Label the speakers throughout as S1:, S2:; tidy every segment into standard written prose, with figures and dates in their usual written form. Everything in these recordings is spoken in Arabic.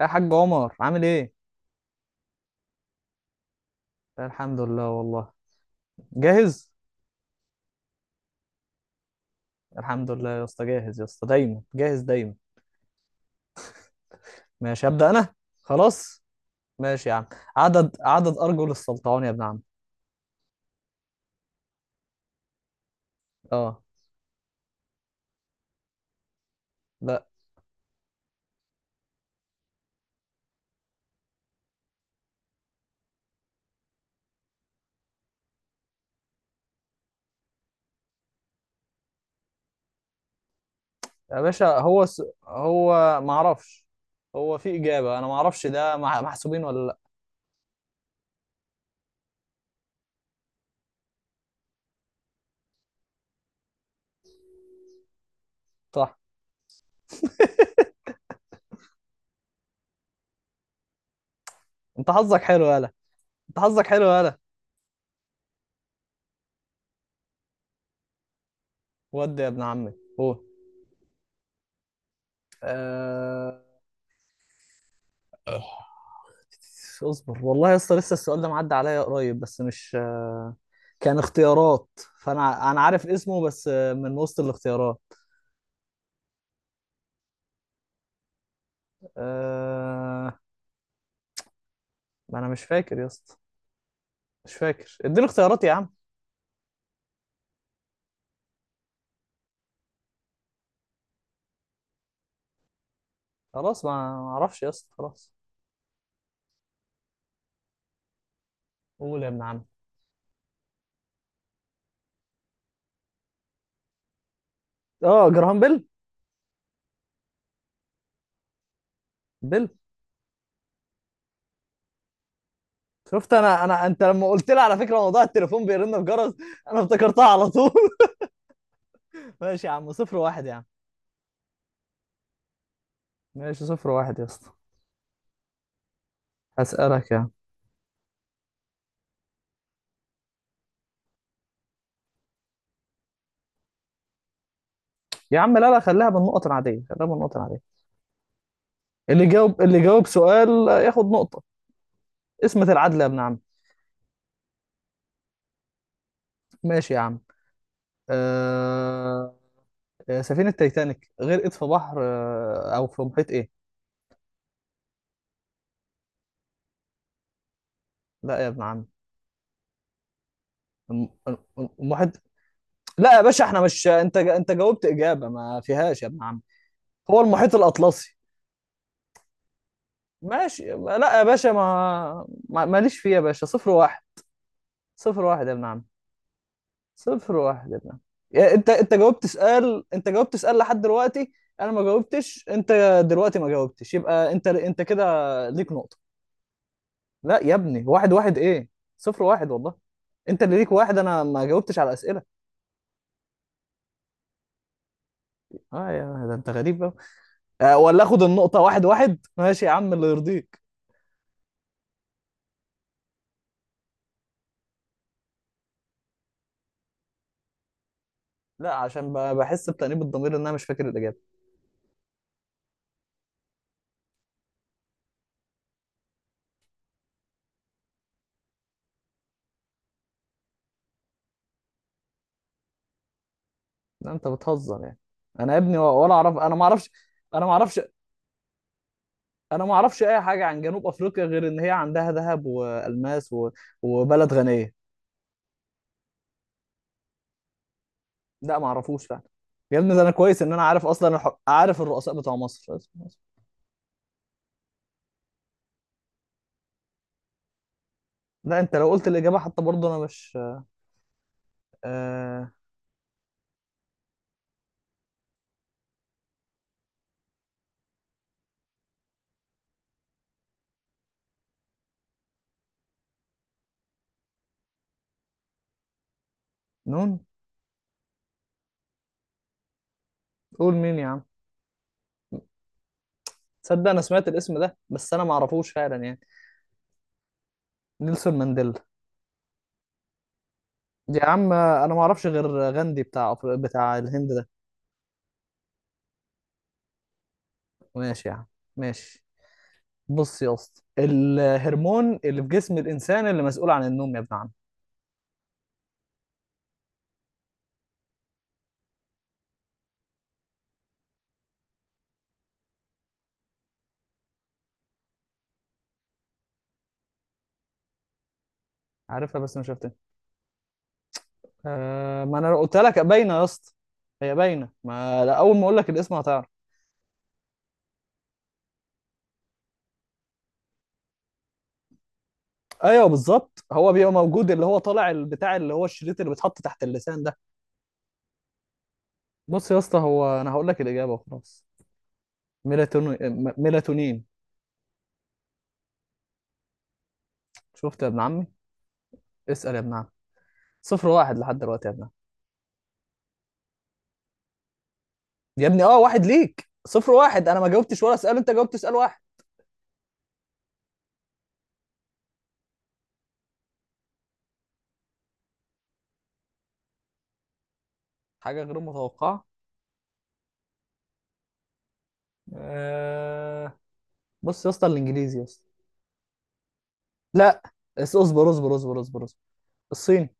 S1: يا حاج عمر عامل ايه؟ الحمد لله والله. جاهز؟ الحمد لله يا اسطى، جاهز يا اسطى، دايما جاهز دايما. ماشي هبدأ انا. خلاص. ماشي يا عم. عدد ارجل السلطعون يا ابن عم. اه. لا يا باشا، هو هو ما اعرفش. هو في إجابة انا ما اعرفش ده محسوبين ولا لا؟ صح. انت حظك حلو يالا انت حظك حلو يالا. ودي يا ابن عمي. هو آه... اصبر والله يا اسطى، لسه السؤال ده معدي عليا قريب، بس مش كان اختيارات. فانا عارف اسمه، بس من وسط الاختيارات. أه... ما انا مش فاكر يا اسطى، مش فاكر، اديني اختيارات يا عم. خلاص ما ما اعرفش يا اسطى خلاص. قول يا ابن عم. اه جراهام بيل. بيل. شفت، انا انت لما قلت لي على فكره موضوع التليفون بيرن في جرس، انا افتكرتها على طول. ماشي يا عم، صفر واحد يا عم. ماشي صفر واحد يا اسطى. هسألك يا عم. يا عم، لا لا، خليها بالنقط العادية، خليها بالنقط العادية. اللي جاوب سؤال ياخد نقطة. اسمة العدل يا ابن عم. ماشي يا عم. آه... سفينة تايتانيك غرقت في بحر، أو في محيط إيه؟ لا يا ابن عم. المحيط. لا يا باشا، احنا مش، انت جاوبت إجابة ما فيهاش يا ابن عم. هو المحيط الأطلسي. ماشي، لا يا باشا، ماليش فيه يا باشا، صفر واحد. صفر واحد يا ابن عم. صفر واحد بقى. يا انت جاوبت سؤال، انت جاوبت سؤال لحد دلوقتي، انا ما جاوبتش. انت دلوقتي ما جاوبتش، يبقى انت كده ليك نقطة. لا يا ابني، واحد واحد ايه؟ صفر واحد والله. انت اللي ليك واحد، انا ما جاوبتش على الاسئلة. اه يا ده انت غريب بقى. آه، ولا اخد النقطة واحد واحد، ماشي يا عم اللي يرضيك. لا عشان بحس بتأنيب الضمير ان انا مش فاكر الاجابة. لا انت بتهزر يعني، انا يا ابني ولا اعرف، انا ما اعرفش. انا ما اعرفش. انا ما اعرفش اي حاجه عن جنوب افريقيا، غير ان هي عندها ذهب والماس و... وبلد غنيه. لا ما اعرفوش فعلا. يا ابني، ده انا كويس ان انا عارف اصلا عارف الرؤساء بتوع مصر. لا انت لو قلت الاجابه حتى برضه انا مش. آه... نون. قول مين يا عم. تصدق انا سمعت الاسم ده، بس انا ما اعرفوش فعلا يعني. نيلسون مانديلا. يا عم انا ما اعرفش غير غاندي بتاع بتاع الهند ده. ماشي يا عم. ماشي. بص يا اسطى، الهرمون اللي في جسم الانسان اللي مسؤول عن النوم يا ابن عم. عارفها بس ما شفتها. آه ما انا قلت لك باينه يا اسطى، هي باينه، ما لا اول ما اقول لك الاسم هتعرف. ايوه بالظبط، هو بيبقى موجود اللي هو طالع البتاع اللي هو الشريط اللي بيتحط تحت اللسان ده. بص يا اسطى، هو انا هقول لك الاجابه وخلاص. ميلاتونين. ميلاتونين. شفت يا ابن عمي. اسال يا ابن عمي. صفر واحد لحد دلوقتي يا ابن عمي. يا ابني اه، واحد ليك، صفر واحد، انا ما جاوبتش ولا سؤال، انت جاوبت سؤال واحد. حاجه غير متوقعه. آه... بص يا اسطى، الانجليزي يا اسطى. لا. اصبر اصبر اصبر اصبر اصبر. الصيني.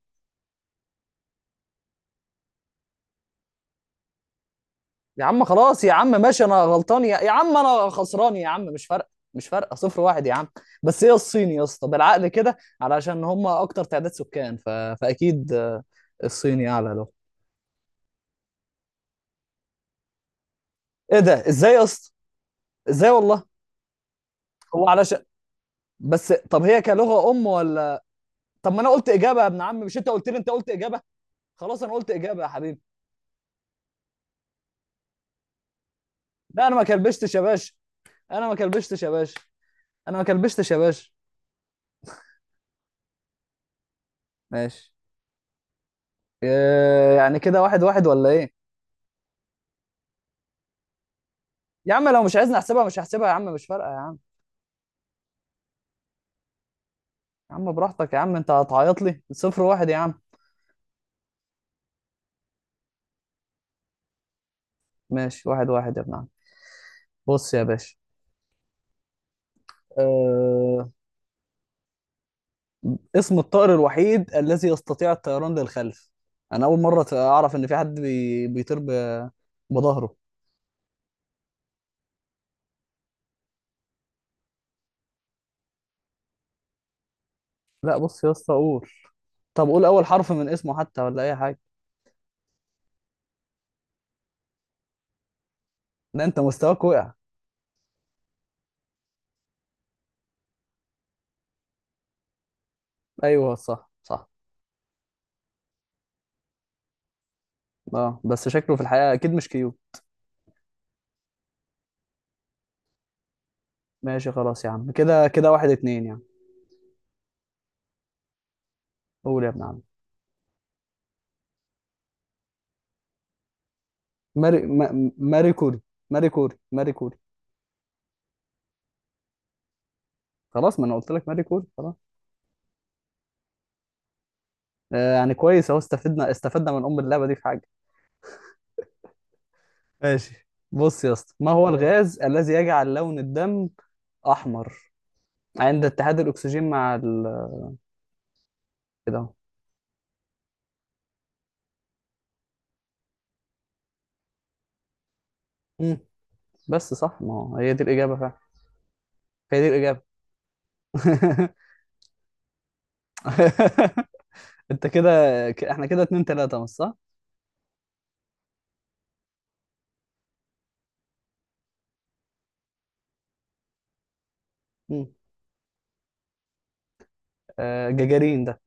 S1: يا عم خلاص، يا عم ماشي، انا غلطان، يا عم انا خسران يا عم، مش فارقه، مش فارقه، صفر واحد يا عم. بس هي الصين يا اسطى، بالعقل كده، علشان هم اكتر تعداد سكان فاكيد الصيني اعلى له. ايه ده، ازاي يا اسطى؟ ازاي والله. هو علشان، بس طب هي كلغه ام ولا؟ طب ما انا قلت اجابه يا ابن عم، مش انت قلت لي انت قلت اجابه؟ خلاص انا قلت اجابه يا حبيبي. لا انا ما كلبشتش يا باشا. انا ما كلبشتش يا باشا. انا ما كلبشتش يا باشا. ماشي. إيه، يعني كده واحد واحد ولا ايه؟ يا عم لو مش عايزني احسبها مش هحسبها يا عم، مش فارقه يا عم. يا عم براحتك يا عم، انت هتعيط لي صفر واحد يا عم. ماشي واحد واحد يا ابن عم. بص يا باشا. أه... اسم الطائر الوحيد الذي يستطيع الطيران للخلف. انا اول مره اعرف ان في حد بيطير بظهره. لا بص يا اسطى قول، طب قول اول حرف من اسمه حتى ولا اي حاجه. ده انت مستواك وقع. ايوه صح صح. اه بس شكله في الحقيقه اكيد مش كيو. ماشي خلاص يا عم، كده كده واحد اتنين يعني. قول يا ابن عم. ماري ما... ماري كوري. ماري كوري. ماري كوري. خلاص ما انا قلت لك ماري كوري خلاص. آه يعني كويس اهو، استفدنا استفدنا من ام اللعبه دي في حاجه. ماشي. بص يا اسطى، ما هو الغاز الذي يجعل لون الدم احمر عند اتحاد الاكسجين مع ال؟ كده اهو. مم. بس صح، ما هو هي دي الاجابه فعلا. هي دي الاجابه. انت كده. احنا كده اتنين تلاته مش صح؟ مم. آه جاجارين ده.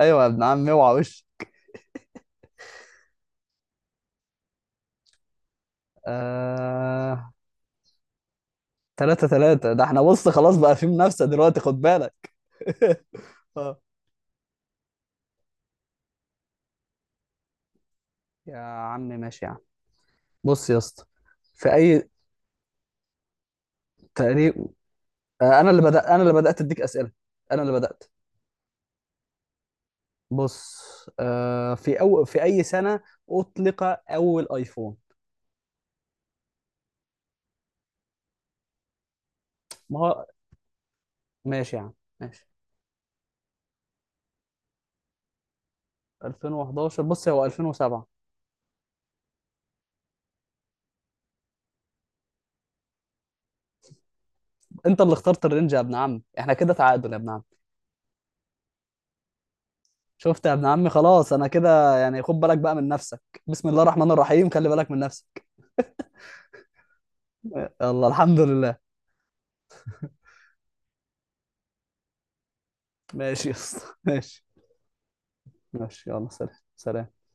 S1: ايوه يا ابن عم اوعى وش. آه. تلاتة تلاتة، ده احنا بص خلاص بقى في منافسة دلوقتي، خد بالك. اه. يا عم ماشي يا عم. بص يا اسطى، في اي، تقريب، انا اللي بدأت اديك اسئلة، انا اللي بدأت. بص، في في اي سنة اطلق اول ايفون؟ ما هو ماشي يا عم، ماشي. 2011؟ بص هو 2007. انت اللي اخترت الرينج يا ابن عم، احنا كده تعادل يا ابن عم. شفت يا ابن عمي، خلاص انا كده يعني، خد بالك بقى من نفسك، بسم الله الرحمن الرحيم، خلي بالك من نفسك. يلا الحمد لله. ماشي يا اسطى ماشي. ماشي يلا سلام. سلام.